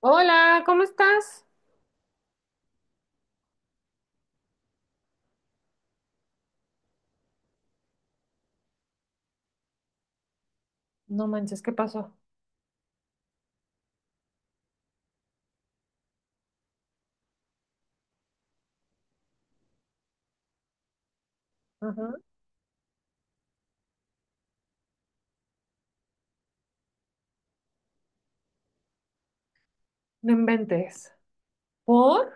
Hola, ¿cómo estás? No manches, ¿qué pasó? Ajá. No inventes. ¿Por?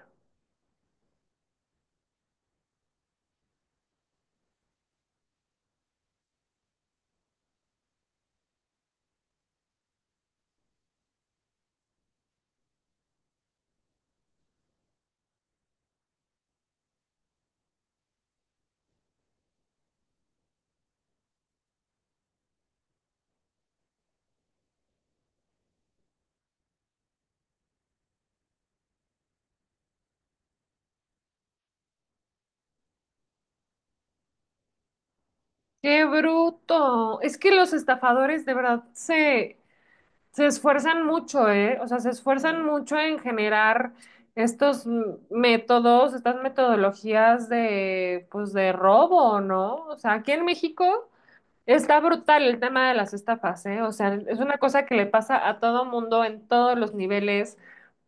¡Qué bruto! Es que los estafadores de verdad se esfuerzan mucho, ¿eh? O sea, se esfuerzan mucho en generar estos métodos, estas metodologías de, pues, de robo, ¿no? O sea, aquí en México. Está brutal el tema de las estafas, ¿eh? O sea, es una cosa que le pasa a todo mundo en todos los niveles,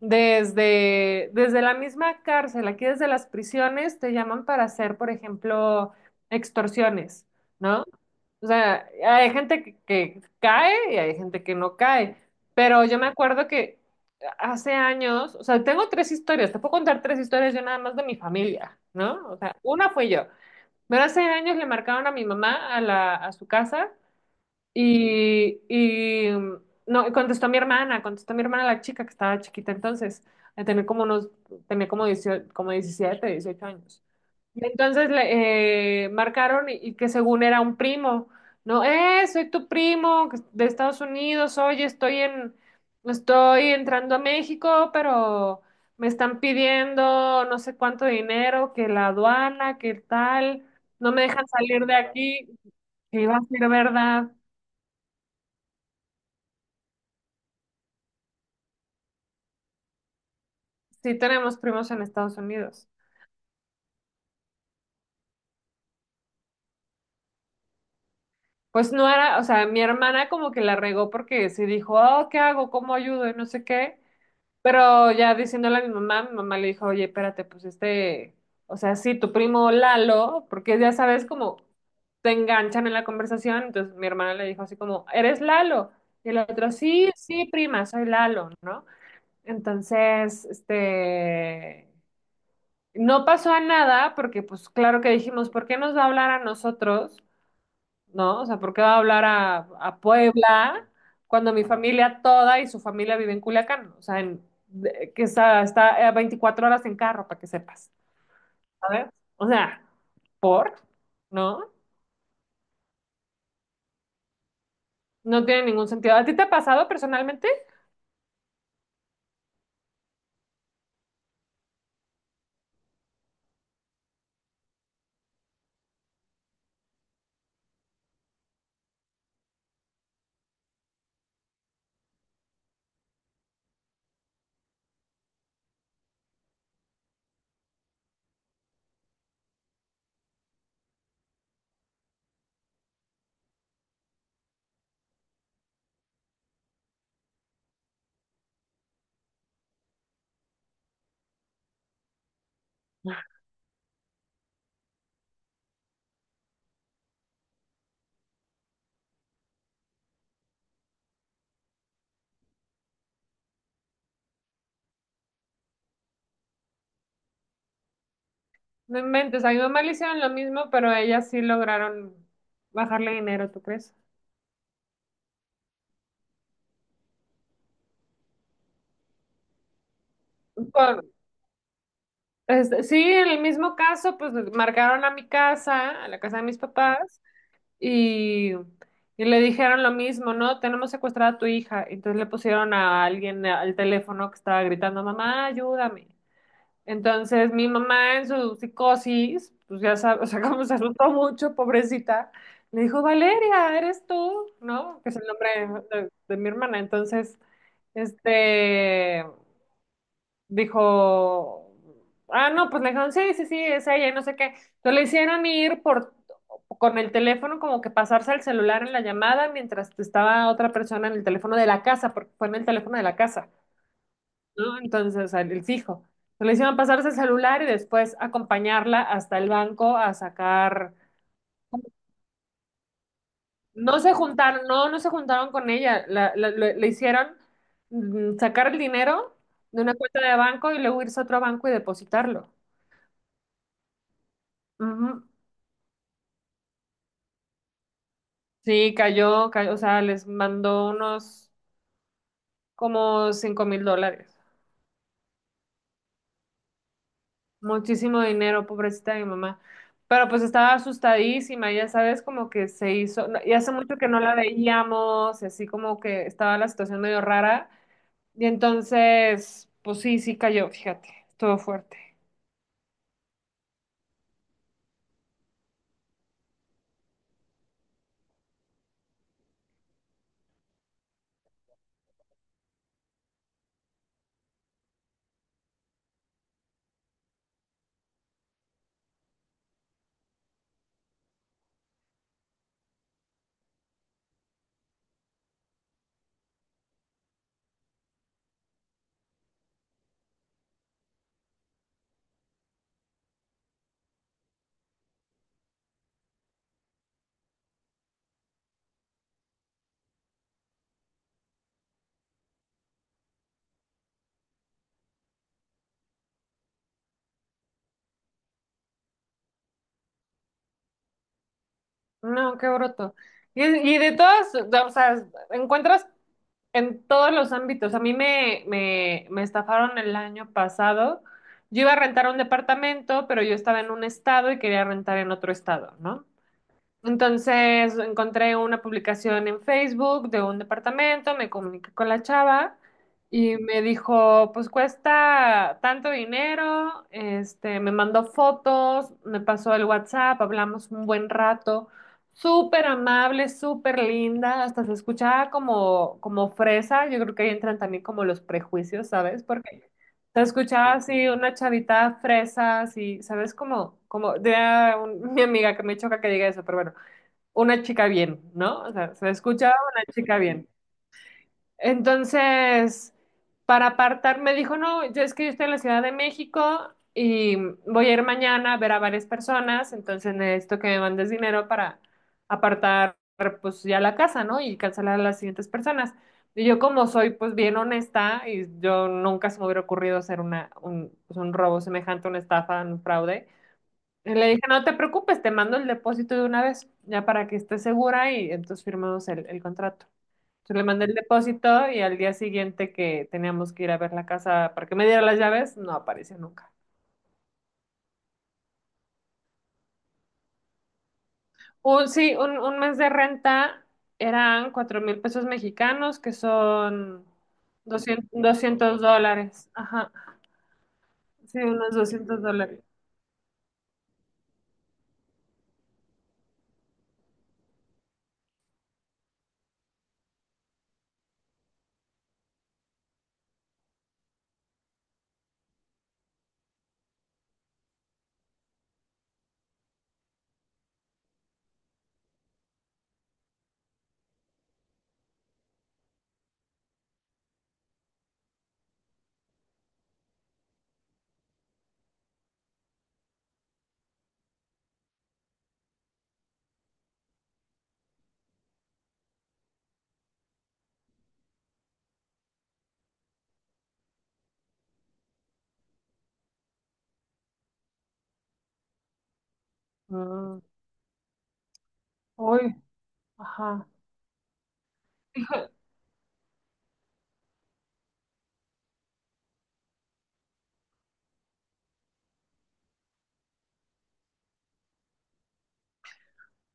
desde la misma cárcel, aquí desde las prisiones te llaman para hacer, por ejemplo, extorsiones, ¿no? O sea, hay gente que cae y hay gente que no cae, pero yo me acuerdo que hace años, o sea, tengo tres historias, te puedo contar tres historias yo nada más de mi familia, ¿no? O sea, una fue yo, pero hace años le marcaron a mi mamá a a su casa. Y mm, no, y contestó mi hermana la chica que estaba chiquita entonces, tenía como unos, tenía como diecio como 17 18 años. Y entonces le marcaron y que según era un primo, no, soy tu primo que de Estados Unidos, oye, estoy entrando a México, pero me están pidiendo no sé cuánto dinero, que la aduana, que tal, no me dejan salir de aquí, que iba a ser verdad. Sí, tenemos primos en Estados Unidos. Pues no era, o sea, mi hermana como que la regó porque sí dijo, oh, ¿qué hago? ¿Cómo ayudo? Y no sé qué. Pero ya diciéndole a mi mamá le dijo, oye, espérate, pues este, o sea, sí, tu primo Lalo, porque ya sabes como te enganchan en la conversación. Entonces mi hermana le dijo así como, ¿eres Lalo? Y el otro, sí, sí, prima, soy Lalo, ¿no? Entonces, este, no pasó a nada porque pues claro que dijimos, ¿por qué nos va a hablar a nosotros? ¿No? O sea, ¿por qué va a hablar a Puebla cuando mi familia toda y su familia vive en Culiacán? O sea, en- de- que está, está a 24 horas en carro, para que sepas, ¿sabes? O sea, ¿por? ¿No? No tiene ningún sentido. ¿A ti te ha pasado personalmente? No inventes, a mi mamá le hicieron lo mismo, pero ellas sí lograron bajarle dinero, ¿tú crees? Por- este, sí, en el mismo caso, pues marcaron a mi casa, a la casa de mis papás. Y, y le dijeron lo mismo, ¿no? Tenemos secuestrada a tu hija. Entonces le pusieron a alguien al teléfono que estaba gritando, mamá, ayúdame. Entonces mi mamá en su psicosis, pues ya sabes, o sea, como se asustó mucho, pobrecita, le dijo, Valeria, ¿eres tú? ¿No? Que es el nombre de mi hermana. Entonces, este, dijo, ah, no, pues le dijeron, sí, sí, sí, es ella, y no sé qué. Entonces le hicieron con el teléfono, como que pasarse al celular en la llamada mientras estaba otra persona en el teléfono de la casa, porque fue en el teléfono de la casa, ¿no? Entonces, el fijo. Entonces, le hicieron pasarse el celular y después acompañarla hasta el banco a sacar. No se juntaron, no, no se juntaron con ella. Le hicieron sacar el dinero de una cuenta de banco y luego irse a otro banco y depositarlo. Ujú. Sí, cayó, cayó, o sea, les mandó unos como $5,000. Muchísimo dinero, pobrecita de mi mamá. Pero pues estaba asustadísima, ya sabes, como que se hizo, no, y hace mucho que no la veíamos, y así como que estaba la situación medio rara. Y entonces, pues sí, sí cayó, fíjate, estuvo fuerte. No, qué broto. Y de todas, o sea, encuentras en todos los ámbitos. A mí me estafaron el año pasado. Yo iba a rentar un departamento, pero yo estaba en un estado y quería rentar en otro estado, ¿no? Entonces encontré una publicación en Facebook de un departamento, me comuniqué con la chava y me dijo, pues cuesta tanto dinero, este, me mandó fotos, me pasó el WhatsApp, hablamos un buen rato, súper amable, súper linda, hasta se escuchaba como, como fresa, yo creo que ahí entran también como los prejuicios, ¿sabes? Porque te escuchaba así una chavita fresa, así, ¿sabes? Como, como, de mi amiga que me choca que diga eso, pero bueno, una chica bien, ¿no? O sea, se escucha una chica bien. Entonces, para apartar, me dijo, no, yo es que yo estoy en la Ciudad de México y voy a ir mañana a ver a varias personas, entonces necesito que me mandes dinero para apartar, pues ya la casa, ¿no? Y cancelar a las siguientes personas. Y yo como soy pues bien honesta y yo nunca se me hubiera ocurrido hacer pues, un robo semejante, una estafa, un fraude, y le dije, no te preocupes, te mando el depósito de una vez, ya para que estés segura y entonces firmamos el contrato. Entonces le mandé el depósito y al día siguiente que teníamos que ir a ver la casa para que me diera las llaves, no apareció nunca. Un mes de renta eran 4,000 pesos mexicanos, que son doscientos dólares. Ajá, sí, unos $200. Mm. Uy, ajá.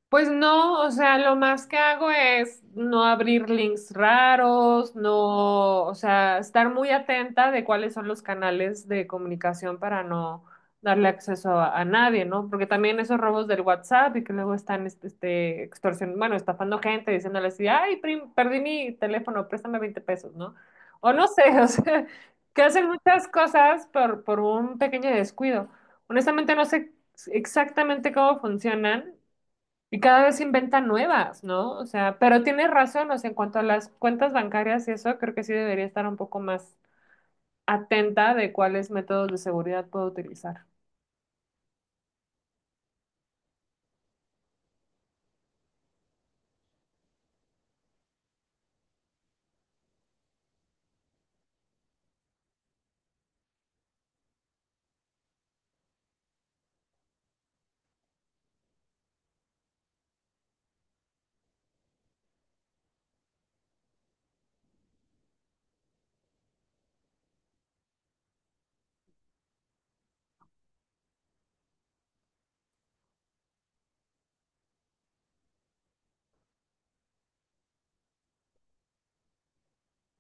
Pues no, o sea, lo más que hago es no abrir links raros, no, o sea, estar muy atenta de cuáles son los canales de comunicación para no darle acceso a nadie, ¿no? Porque también esos robos del WhatsApp y que luego están extorsion, bueno, estafando gente, diciéndoles, así, ay, perdí mi teléfono, préstame 20 pesos, ¿no? O no sé, o sea, que hacen muchas cosas por un pequeño descuido. Honestamente no sé exactamente cómo funcionan. Y cada vez inventan nuevas, ¿no? O sea, pero tienes razón, o sea, en cuanto a las cuentas bancarias y eso, creo que sí debería estar un poco más atenta de cuáles métodos de seguridad puedo utilizar.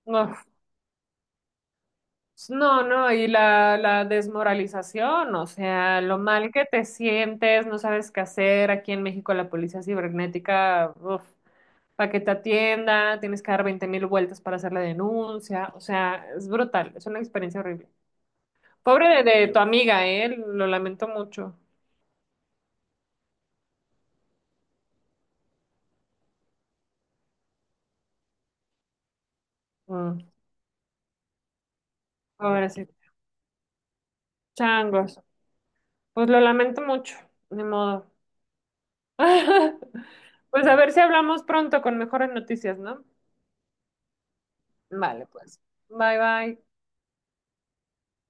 Uf, no, no, y la desmoralización, o sea, lo mal que te sientes, no sabes qué hacer. Aquí en México la policía cibernética, uf, para que te atienda, tienes que dar 20,000 vueltas para hacer la denuncia, o sea, es brutal, es una experiencia horrible. Pobre de tu amiga, ¿eh? Lo lamento mucho. Mm, pobrecito. Changos. Pues lo lamento mucho, ni modo. Pues a ver si hablamos pronto con mejores noticias, ¿no? Vale, pues. Bye bye.